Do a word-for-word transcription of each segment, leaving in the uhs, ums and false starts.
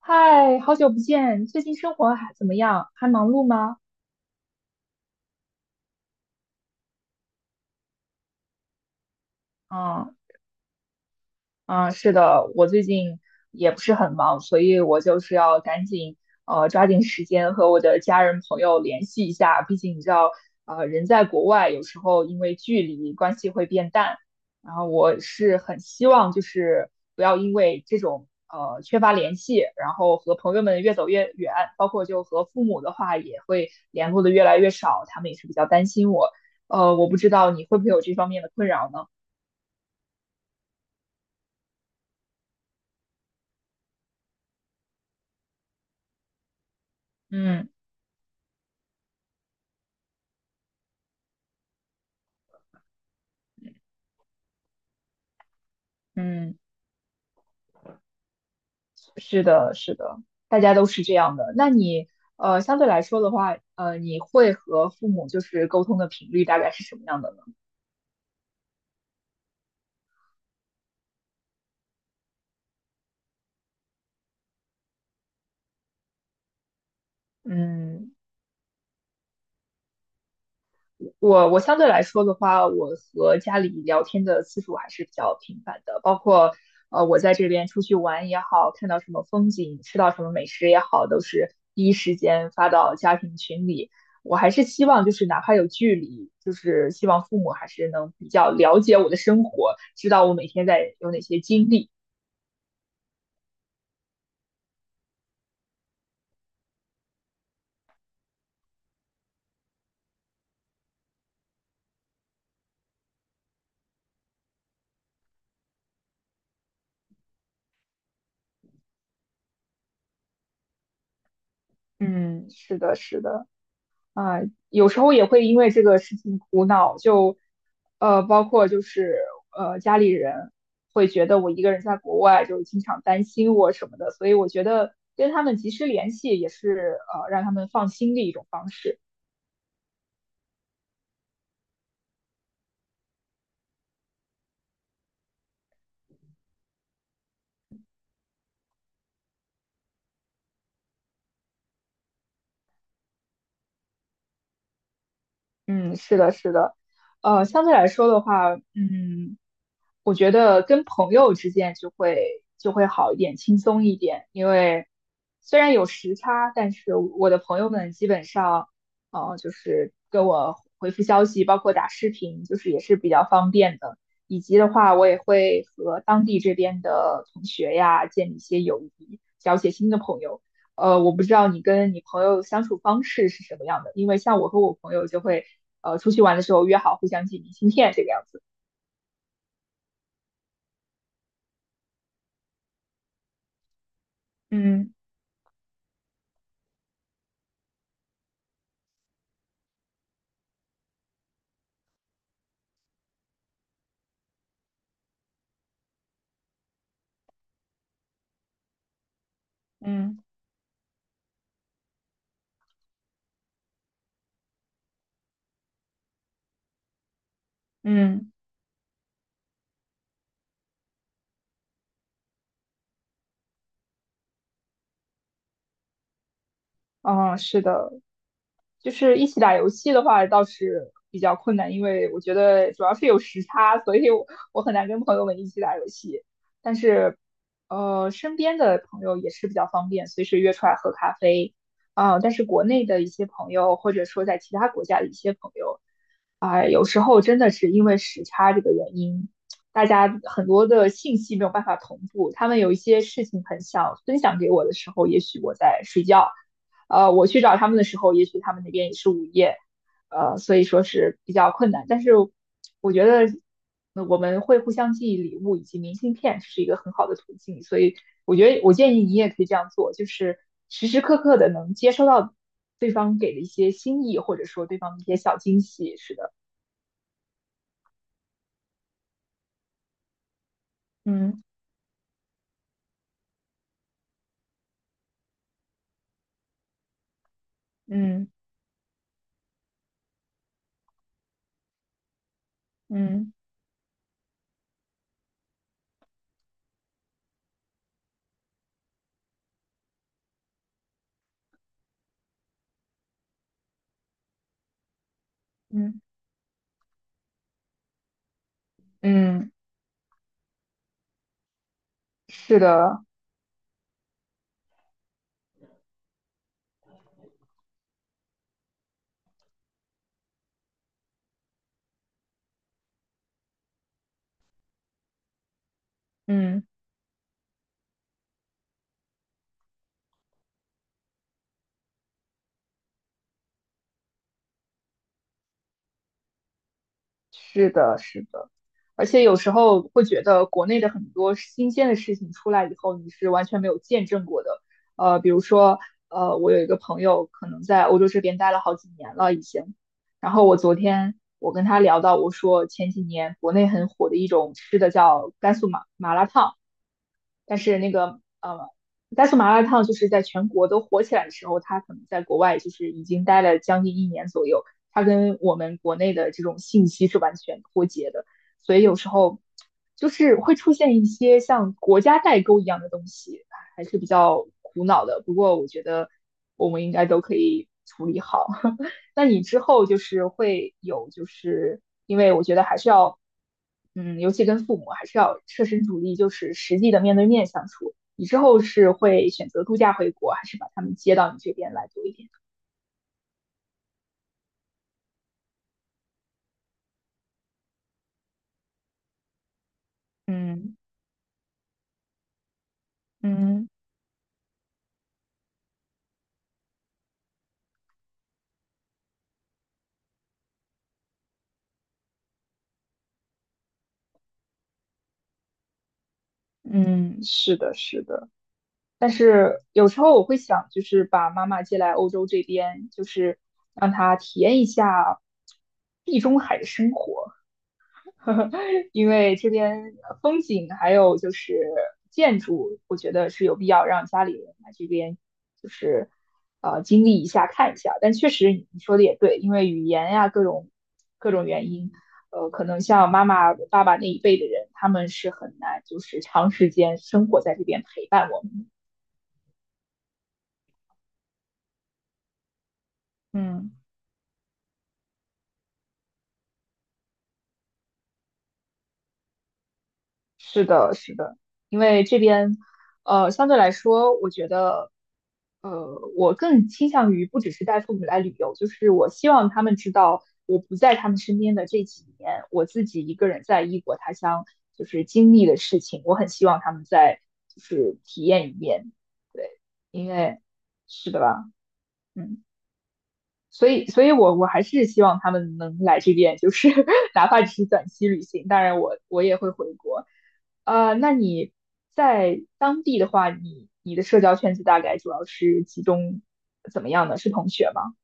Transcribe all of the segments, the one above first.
嗨，好久不见，最近生活还怎么样？还忙碌吗？嗯。嗯，是的，我最近也不是很忙，所以我就是要赶紧呃抓紧时间和我的家人朋友联系一下，毕竟你知道，呃，人在国外有时候因为距离关系会变淡，然后我是很希望就是不要因为这种呃缺乏联系，然后和朋友们越走越远，包括就和父母的话也会联络的越来越少，他们也是比较担心我，呃，我不知道你会不会有这方面的困扰呢？嗯嗯。是的，是的，大家都是这样的。那你呃，相对来说的话，呃，你会和父母就是沟通的频率大概是什么样的呢？嗯，我我相对来说的话，我和家里聊天的次数还是比较频繁的，包括呃我在这边出去玩也好，看到什么风景，吃到什么美食也好，都是第一时间发到家庭群里。我还是希望就是哪怕有距离，就是希望父母还是能比较了解我的生活，知道我每天在有哪些经历。嗯，是的，是的。啊、呃有时候也会因为这个事情苦恼，就呃，包括就是呃，家里人会觉得我一个人在国外，就经常担心我什么的，所以我觉得跟他们及时联系也是呃，让他们放心的一种方式。嗯，是的，是的，呃，相对来说的话，嗯，我觉得跟朋友之间就会就会好一点，轻松一点，因为虽然有时差，但是我的朋友们基本上，呃，就是跟我回复消息，包括打视频，就是也是比较方便的，以及的话，我也会和当地这边的同学呀建立一些友谊，交一些新的朋友。呃，我不知道你跟你朋友相处方式是什么样的，因为像我和我朋友就会，呃，出去玩的时候约好互相寄明信片这个样子。嗯嗯嗯，哦，是的，就是一起打游戏的话倒是比较困难，因为我觉得主要是有时差，所以我我很难跟朋友们一起打游戏。但是，呃，身边的朋友也是比较方便，随时约出来喝咖啡啊、但是国内的一些朋友，或者说在其他国家的一些朋友啊、有时候真的是因为时差这个原因，大家很多的信息没有办法同步。他们有一些事情很想分享给我的时候，也许我在睡觉。呃，我去找他们的时候，也许他们那边也是午夜，呃，所以说是比较困难。但是我觉得呃我们会互相寄礼物以及明信片是一个很好的途径，所以我觉得我建议你也可以这样做，就是时时刻刻的能接收到对方给的一些心意，或者说对方的一些小惊喜。是的，嗯嗯嗯嗯嗯，是的，嗯。是的，是的，而且有时候会觉得国内的很多新鲜的事情出来以后，你是完全没有见证过的。呃，比如说，呃，我有一个朋友可能在欧洲这边待了好几年了已经，然后我昨天我跟他聊到，我说前几年国内很火的一种吃的叫甘肃麻麻辣烫。但是那个呃，甘肃麻辣烫就是在全国都火起来的时候，它可能在国外就是已经待了将近一年左右，它跟我们国内的这种信息是完全脱节的，所以有时候就是会出现一些像国家代沟一样的东西，还是比较苦恼的。不过我觉得我们应该都可以处理好。那你之后就是会有，就是因为我觉得还是要，嗯，尤其跟父母还是要设身处地，就是实际的面对面相处。你之后是会选择度假回国，还是把他们接到你这边来多一点？嗯嗯嗯，是的，是的。但是有时候我会想，就是把妈妈接来欧洲这边，就是让她体验一下地中海的生活。因为这边呃风景还有就是建筑，我觉得是有必要让家里人来这边，就是呃经历一下、看一下。但确实你说的也对，因为语言呀各种各种原因，呃，可能像妈妈、爸爸那一辈的人，他们是很难就是长时间生活在这边陪伴我们的。嗯。是的，是的，因为这边，呃，相对来说，我觉得，呃，我更倾向于不只是带父母来旅游，就是我希望他们知道我不在他们身边的这几年，我自己一个人在异国他乡就是经历的事情，我很希望他们再就是体验一遍，对，因为是的吧，嗯。所以，所以我我还是希望他们能来这边，就是 哪怕只是短期旅行。当然我，我我也会回国。呃，那你在当地的话，你你的社交圈子大概主要是集中怎么样呢？是同学吗？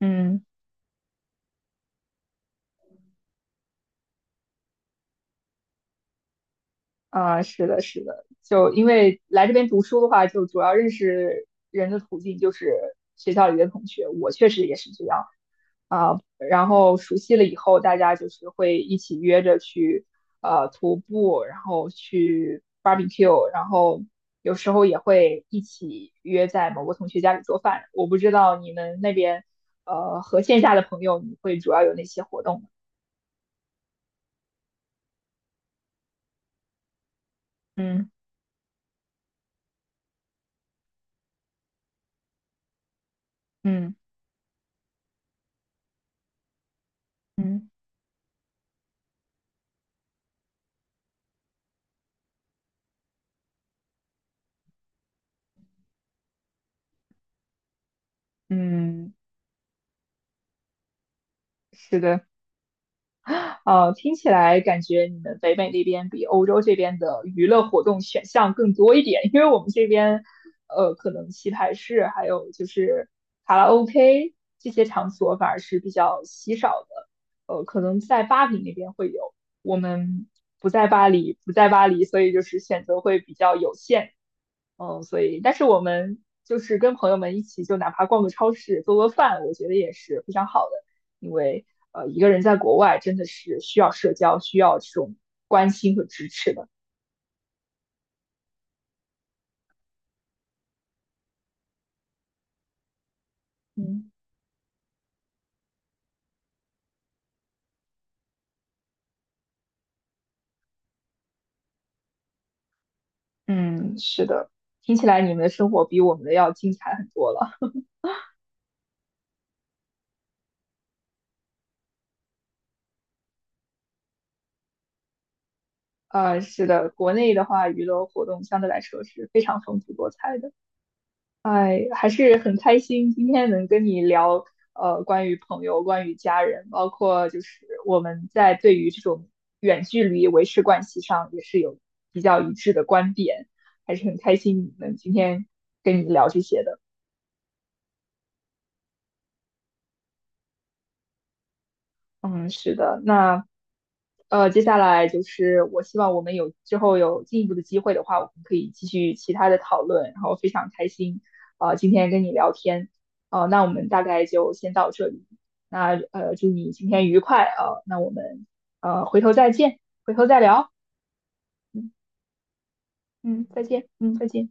嗯啊，是的，是的，就因为来这边读书的话，就主要认识人的途径就是学校里的同学，我确实也是这样啊。然后熟悉了以后，大家就是会一起约着去呃徒步，然后去 barbecue，然后有时候也会一起约在某个同学家里做饭。我不知道你们那边呃和线下的朋友，你会主要有哪些活动呢嗯嗯嗯。嗯，是的。呃，听起来感觉你们北美那边比欧洲这边的娱乐活动选项更多一点，因为我们这边，呃，可能棋牌室还有就是卡拉 OK 这些场所反而是比较稀少的，呃，可能在巴黎那边会有，我们不在巴黎，不在巴黎，所以就是选择会比较有限。嗯，所以，但是我们就是跟朋友们一起，就哪怕逛个超市、做做饭，我觉得也是非常好的。因为呃，一个人在国外真的是需要社交，需要这种关心和支持的。嗯嗯，是的，听起来你们的生活比我们的要精彩很多了。呃，是的，国内的话，娱乐活动相对来说是非常丰富多彩的。哎，还是很开心今天能跟你聊，呃，关于朋友、关于家人，包括就是我们在对于这种远距离维持关系上也是有比较一致的观点，还是很开心能今天跟你聊这些的。嗯，是的，那呃，接下来就是我希望我们有之后有进一步的机会的话，我们可以继续其他的讨论，然后非常开心，呃，今天跟你聊天，呃，那我们大概就先到这里，那呃，祝你今天愉快，呃，那我们呃回头再见，回头再聊，嗯嗯，再见，嗯，再见。